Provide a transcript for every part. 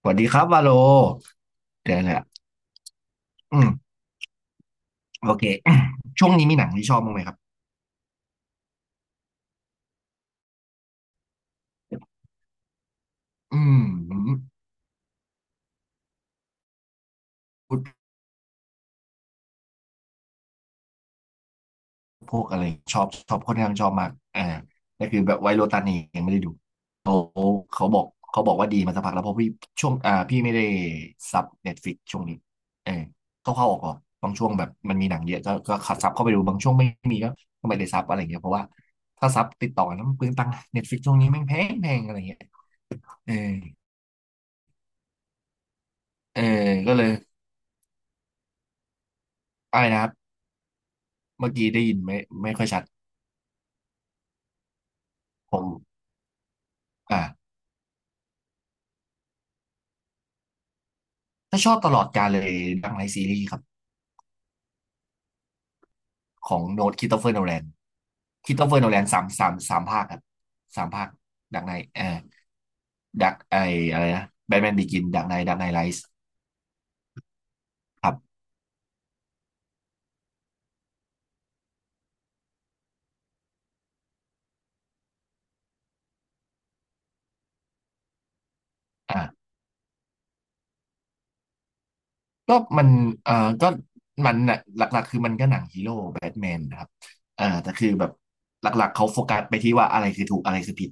สวัสดีครับวาโลเดี๋ยวน่อืมโอเค ช่วงนี้มีหนังที่ชอบบ้างไหมครับอืมพูดพวกอะไรชอบค่อนข้างชอบมากแต่คือแบบไวโรตันนี่ยังไม่ได้ดูเขาเขาบอกเขาบอกว่าดีมาสักพักแล้วเพราะพี่ช่วงพี่ไม่ได้ซับเน็ตฟ i ิกช่วงนี้เออเข้าออกบางช่วงแบบมันมีหนังเยอะก็ขัดซับเข้าไปดูบางช่วงไม่มีก็ไม่ได้ซับอะไรอย่างเงี้ยเพราะว่าถ้าซับติดต่อกันแล้วมันเปลืองตังค์เน็ตฟลิกช่วงนี้แม่งแพงอะไรอย่างเงี้ยเออก็เลยอะไรนะครับ เมื่อกี้ได้ยินไม่ไม่ค่อยชัดผมอ่าถ้าชอบตลอดกาลเลยดังไลท์ซีรีส์ครับของโนตคริสโตเฟอร์โนแลนคริสโตเฟอร์โนแลนสามภาคครับสามภาคดักไนเอ่อดักไออะไรนะแบทแมนบิกินดักไนไลท์ครับอ่าก็มันก็มันน่ะหลักๆคือมันก็หนังฮีโร่แบทแมนนะครับแต่คือแบบหลักๆเขาโฟกัสไปที่ว่าอะไรคือถูกอะไรคือผิด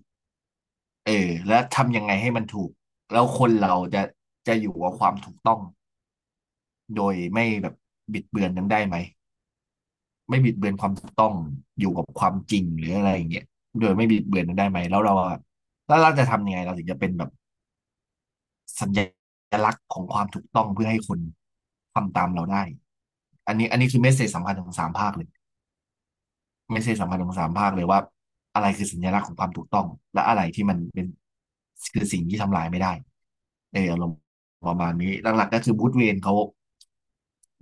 เออแล้วทำยังไงให้มันถูกแล้วคนเราจะอยู่กับความถูกต้อง โดยไม่แบบบิดเบือนนั้นได้ไหมไม่บิดเบือนความถูกต้องอยู่กับความจริงหรืออะไรอย่างเงี้ยโดยไม่บิดเบือนนั้นได้ไหมแล้วเราอะแล้วเราจะทำยังไงเราถึงจะเป็นแบบสัญลักษณ์ของความถูกต้องเพื่อให้คนทำตามเราได้อันนี้คือเมสเซจสำคัญของสามภาคเลยเมสเซจสำคัญของสามภาคเลยว่าอะไรคือสัญลักษณ์ของความถูกต้องและอะไรที่มันเป็นคือสิ่งที่ทำลายไม่ได้เอออารมณ์ประมาณนี้หลักๆก็คือบูธเวนเขา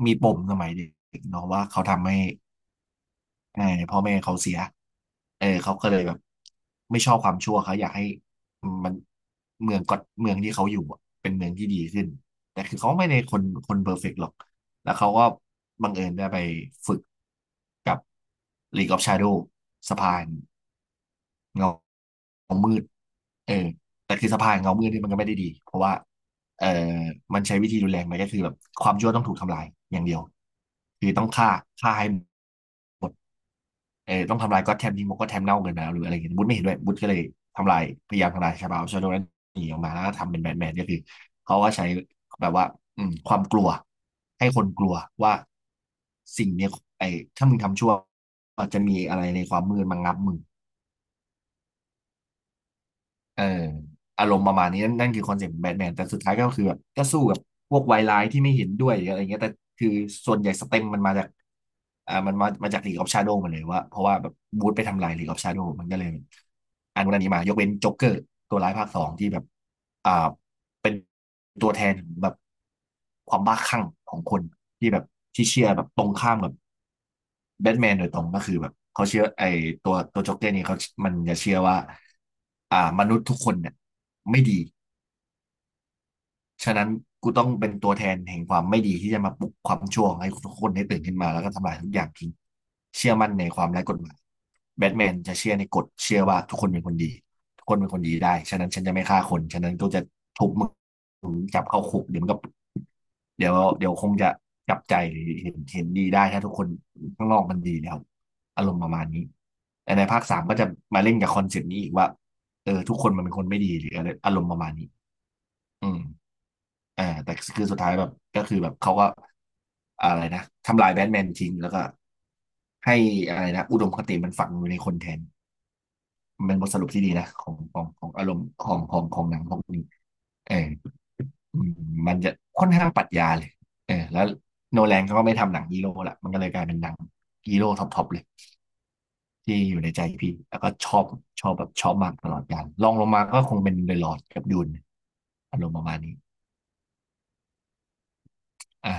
มีปมสมัยเด็กเนาะว่าเขาทำให้ เออพ่อแม่เขาเสียเออเขาก็เลยแบบไม่ชอบความชั่วเขาอยากให้มันเมืองก็เมืองที่เขาอยู่อะเป็นเมืองที่ดีขึ้นแต่คือเขาไม่ได้คนเพอร์เฟกต์หรอกแล้วเขาก็บังเอิญได้ไปฝึกกับ League of Shadow สะพานเงาเงามืดเออแต่คือสะพานเงามืดนี่มันก็ไม่ได้ดีเพราะว่าเออมันใช้วิธีรุนแรงไปก็คือแบบความชั่วต้องถูกทำลายอย่างเดียวคือต้องฆ่าฆ่าให้ เออต้องทำลายก็อตแทมทิ้งเก็อตแทมเน่าเกินไปแล้วหรืออะไรอย่างเงี้ยบุ๊ทไม่เห็นด้วยบุ๊ทก็เลยทำลายพยายามทำลายชาบาวชาโดนั้นหนีออกมาแล้วก็ทำเป็นแบทแมนก็คือเขาก็ใช้แบบว่าอืมความกลัวให้คนกลัวว่าสิ่งเนี้ยไอ้ถ้ามึงทำชั่วอาจจะมีอะไรในความมืดมางับมึง เอออารมณ์ประมาณนี้นั่นคือคอนเซ็ปต์แบทแมนแต่สุดท้ายก็คือแบบก็สู้กับพวกวายร้ายที่ไม่เห็นด้วยหรืออะไรเงี้ยแต่คือส่วนใหญ่สเต็มมันมาจากอ่ามันมามาจากลีกออฟชาโดว์มาเลยว่าเพราะว่าแบบบูธไปทำลายลีกออฟชาโดว์มันก็เลยอันนู้นอันนี้มายกเว้นจ็อกเกอร์ตัวร้ายภาคสองที่แบบอ่า เป็นตัวแทนแบบความบ้าคลั่งของคนที่แบบที่เชื่อแบบตรงข้ามกับแบทแมนโดยตรงก็คือแบบเขาเชื่อไอ้ตัวโจ็อกเกอร์นี่เขามันจะเชื่อว่ามนุษย์ทุกคนเนี่ยไม่ดี ฉะนั้นกูต้องเป็นตัวแทนแห่งความไม่ดีที่จะมาปลุกความชั่วให้ทุกคนได้ตื่นขึ้นมาแล้วก็ทำลายทุกอย่างทิ้งเชื่อมั่นในความไร้กฎหมายแบทแมนจะเชื่อในกฎเชื่อว่าทุกคนเป็นคนดีทุกคนเป็นคนดีได้ฉะนั้นฉันจะไม่ฆ่าคนฉะนั้นก็จะทุบมึงจับเข้าคุกเดี๋ยวเดี๋ยวคงจะจับใจเห็นดีได้ถ้าทุกคนข้างนอกมันดีแล้วอารมณ์ประมาณนี้แต่ในภาคสามก็จะมาเล่นกับคอนเซ็ปต์นี้อีกว่าเออทุกคนมันเป็นคนไม่ดีหรืออะไรอารมณ์ประมาณนี้อืม แต่คือสุดท้ายแบบก็คือแบบเขาก็อะไรนะทำลายแบทแมนทิ้งแล้วก็ให้อะไรนะอุดมคติมันฝังอยู่ในคนแทนมันเป็นบทสรุปที่ดีนะของอารมณ์ของหนังพวกนี้เอออืมมันจะค่อนข้างปรัชญาเลยแล้วโนแลนเขาก็ไม่ทำหนังฮีโร่ละมันก็เลยกลายเป็นหนังฮีโร่ท็อปๆเลยที่อยู่ในใจพี่แล้วก็ชอบมากตลอดกาลลองลงมาก็คงเป็นเดอะลอร์ดกับดูนอารมณ์ประมาณนี้อ่า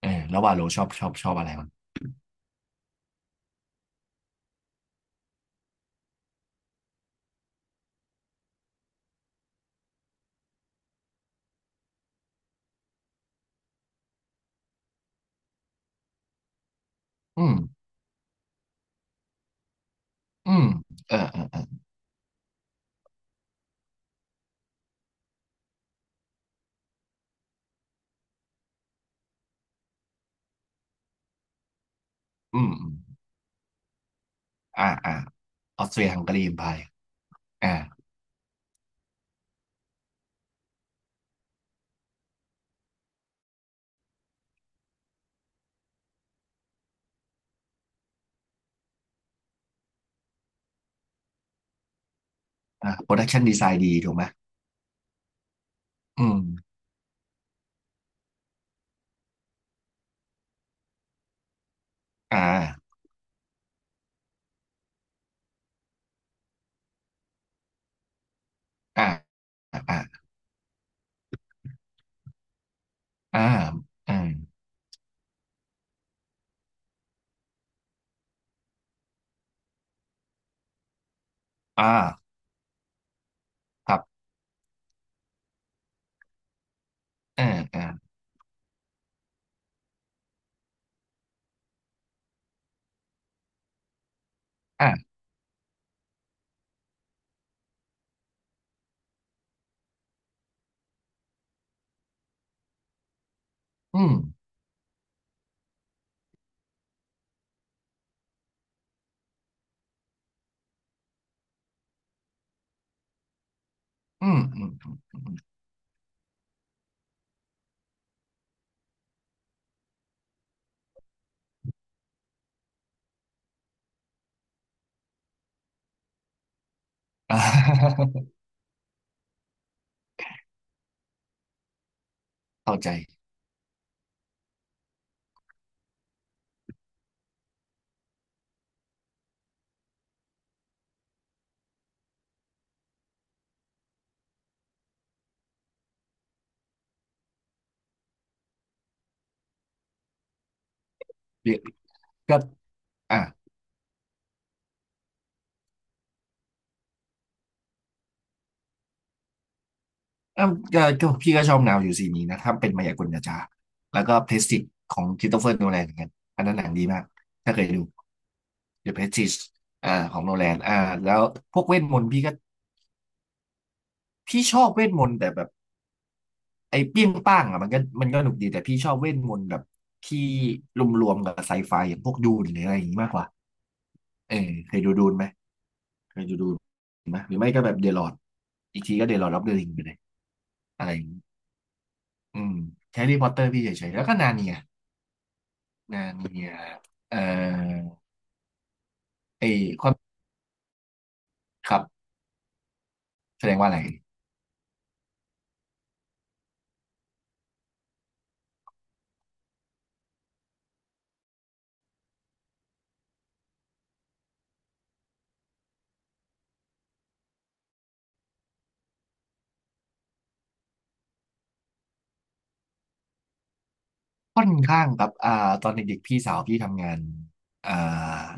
แล้วว่าโลชอบชอบอะไรวะ อืมอืมเออเออเอออืมอืมอ่าอ่าออสเตรียฮังการีอิมพายอ่าอ่าโปรดักชันดีไซน์ดีถูกไหมอืมอ่าอ่าอ่าอ่าอ่าอ่าครับอ่าอ่าอ่าอืมอืมอืม อ่า เข้าใจเดี๋ยวก็อ่า เอ้าก็พี่ก็ชอบแนวอยู่สีนี้นะถ้าเป็นมายากลจาๆแล้วก็เพรสติจของคริสโตเฟอร์โนแลนเหมือนกันอันนั้นหนังดีมากถ้าเคยดู The Prestige อ่าของโนแลนอ่าแล้วพวกเวทมนต์พี่ชอบเวทมนต์แต่แบบไอ้เปี้ยงป้างอ่ะมันก็หนุกดีแต่พี่ชอบเวทมนต์แบบที่รวมๆกับไซไฟอย่างพวกดูนหรืออะไรอย่างนี้มากกว่าเออเคยดูดูนไหมเคยดูดูนไหมหรือไม่ก็แบบเดลอดอีกทีก็เดลอดรับเดลิงไปเลยอะไรอย่างนี้อืมแฮร์รี่พอตเตอร์พี่เฉยๆแล้วก็นาเนีย งานเมียเอ่อไอความครับแสดงว่าอะไรค่อนข้างครับอ่าตอนเด็กๆพี่สาวพี่ทำงานอ่า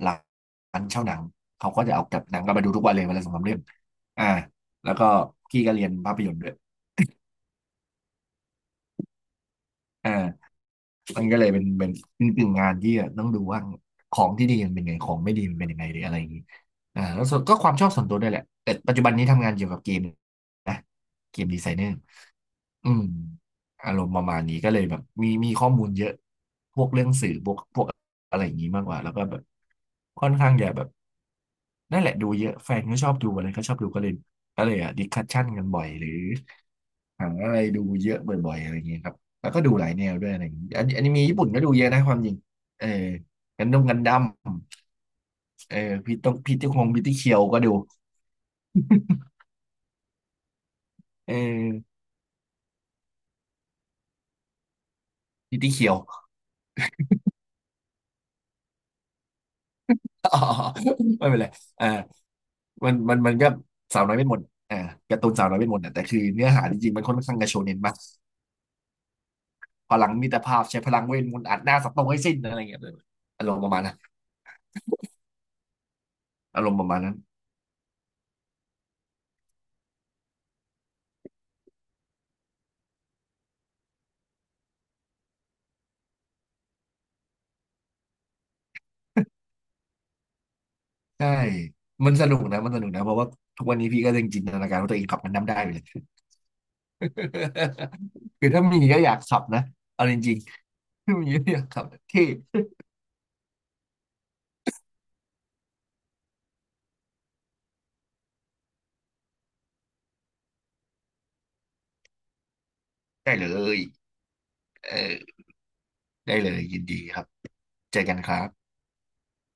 ร้านเช่าหนังเขาก็จะเอากับหนังก็มาดูทุกวันเลยวันละสองสามเรื่องอ่าแล้วก็พี่ก็เรียนภาพยนตร์ด้วยอ่ามันก็เลยเป็นเป็นกึ่งงานที่ต้องดูว่าของที่ดีมันเป็นไงของไม่ดีมันเป็นยังไงหรืออะไรอย่างนี้อ่าแล้วส่วนก็ความชอบส่วนตัวด้วยแหละแต่ปัจจุบันนี้ทำงานเกี่ยวกับเกมนะเกมดีไซเนอร์ อืมอารมณ์ประมาณนี้ก็เลยแบบมีข้อมูลเยอะพวกเรื่องสื่อพวกอะไรอย่างนี้มากกว่าแล้วก็แบบค่อนข้างอย่าแบบนั่นแหละดูเยอะแฟนก็ชอบดูอะไรก็ชอบดูก็เลยอ่ะดิสคัชชั่นกันบ่อยหรือหาอะไรดูเยอะบ่อยๆอะไรอย่างเงี้ยครับแล้วก็ดูหลายแนวด้วยอะไรอย่างงี้อันนี้มีญี่ปุ่นก็ดูเยอะนะความจริงเออกันดงกันดั้มเออพี่ต้องพี่ที่คงพี่ที่เคียวก็ดูเออพี่ที่เคียว ไม่เป็นไร มันก็สาวน้อยเวทมนต์อ่าการ์ตูนสาวน้อยเวทมนต์อ่ะแต่คือเนื้อหาจริงๆมันค่อนข้างจะโชเน็นมากพลังมิตรภาพใช้พลังเวทมนต์อัดหน้าสัตว์ตรงให้สิ้นอะไรเงี้ยเลยอารมณ์ประมาณนั้นอารมณ์ประมาณนั้น ใช่มันสนุกนะเพราะว่าทุกวันนี้พี่ก็ยังจินตนาการว่าตัวเองขับมันน้ำได้อยู่เลย คือถ้ามีก็อยากขับนะเอาจริงๆถ้ามีก็อยากขับเท่ได้เลยเออได้เลยยินดีครับเจอกันครับ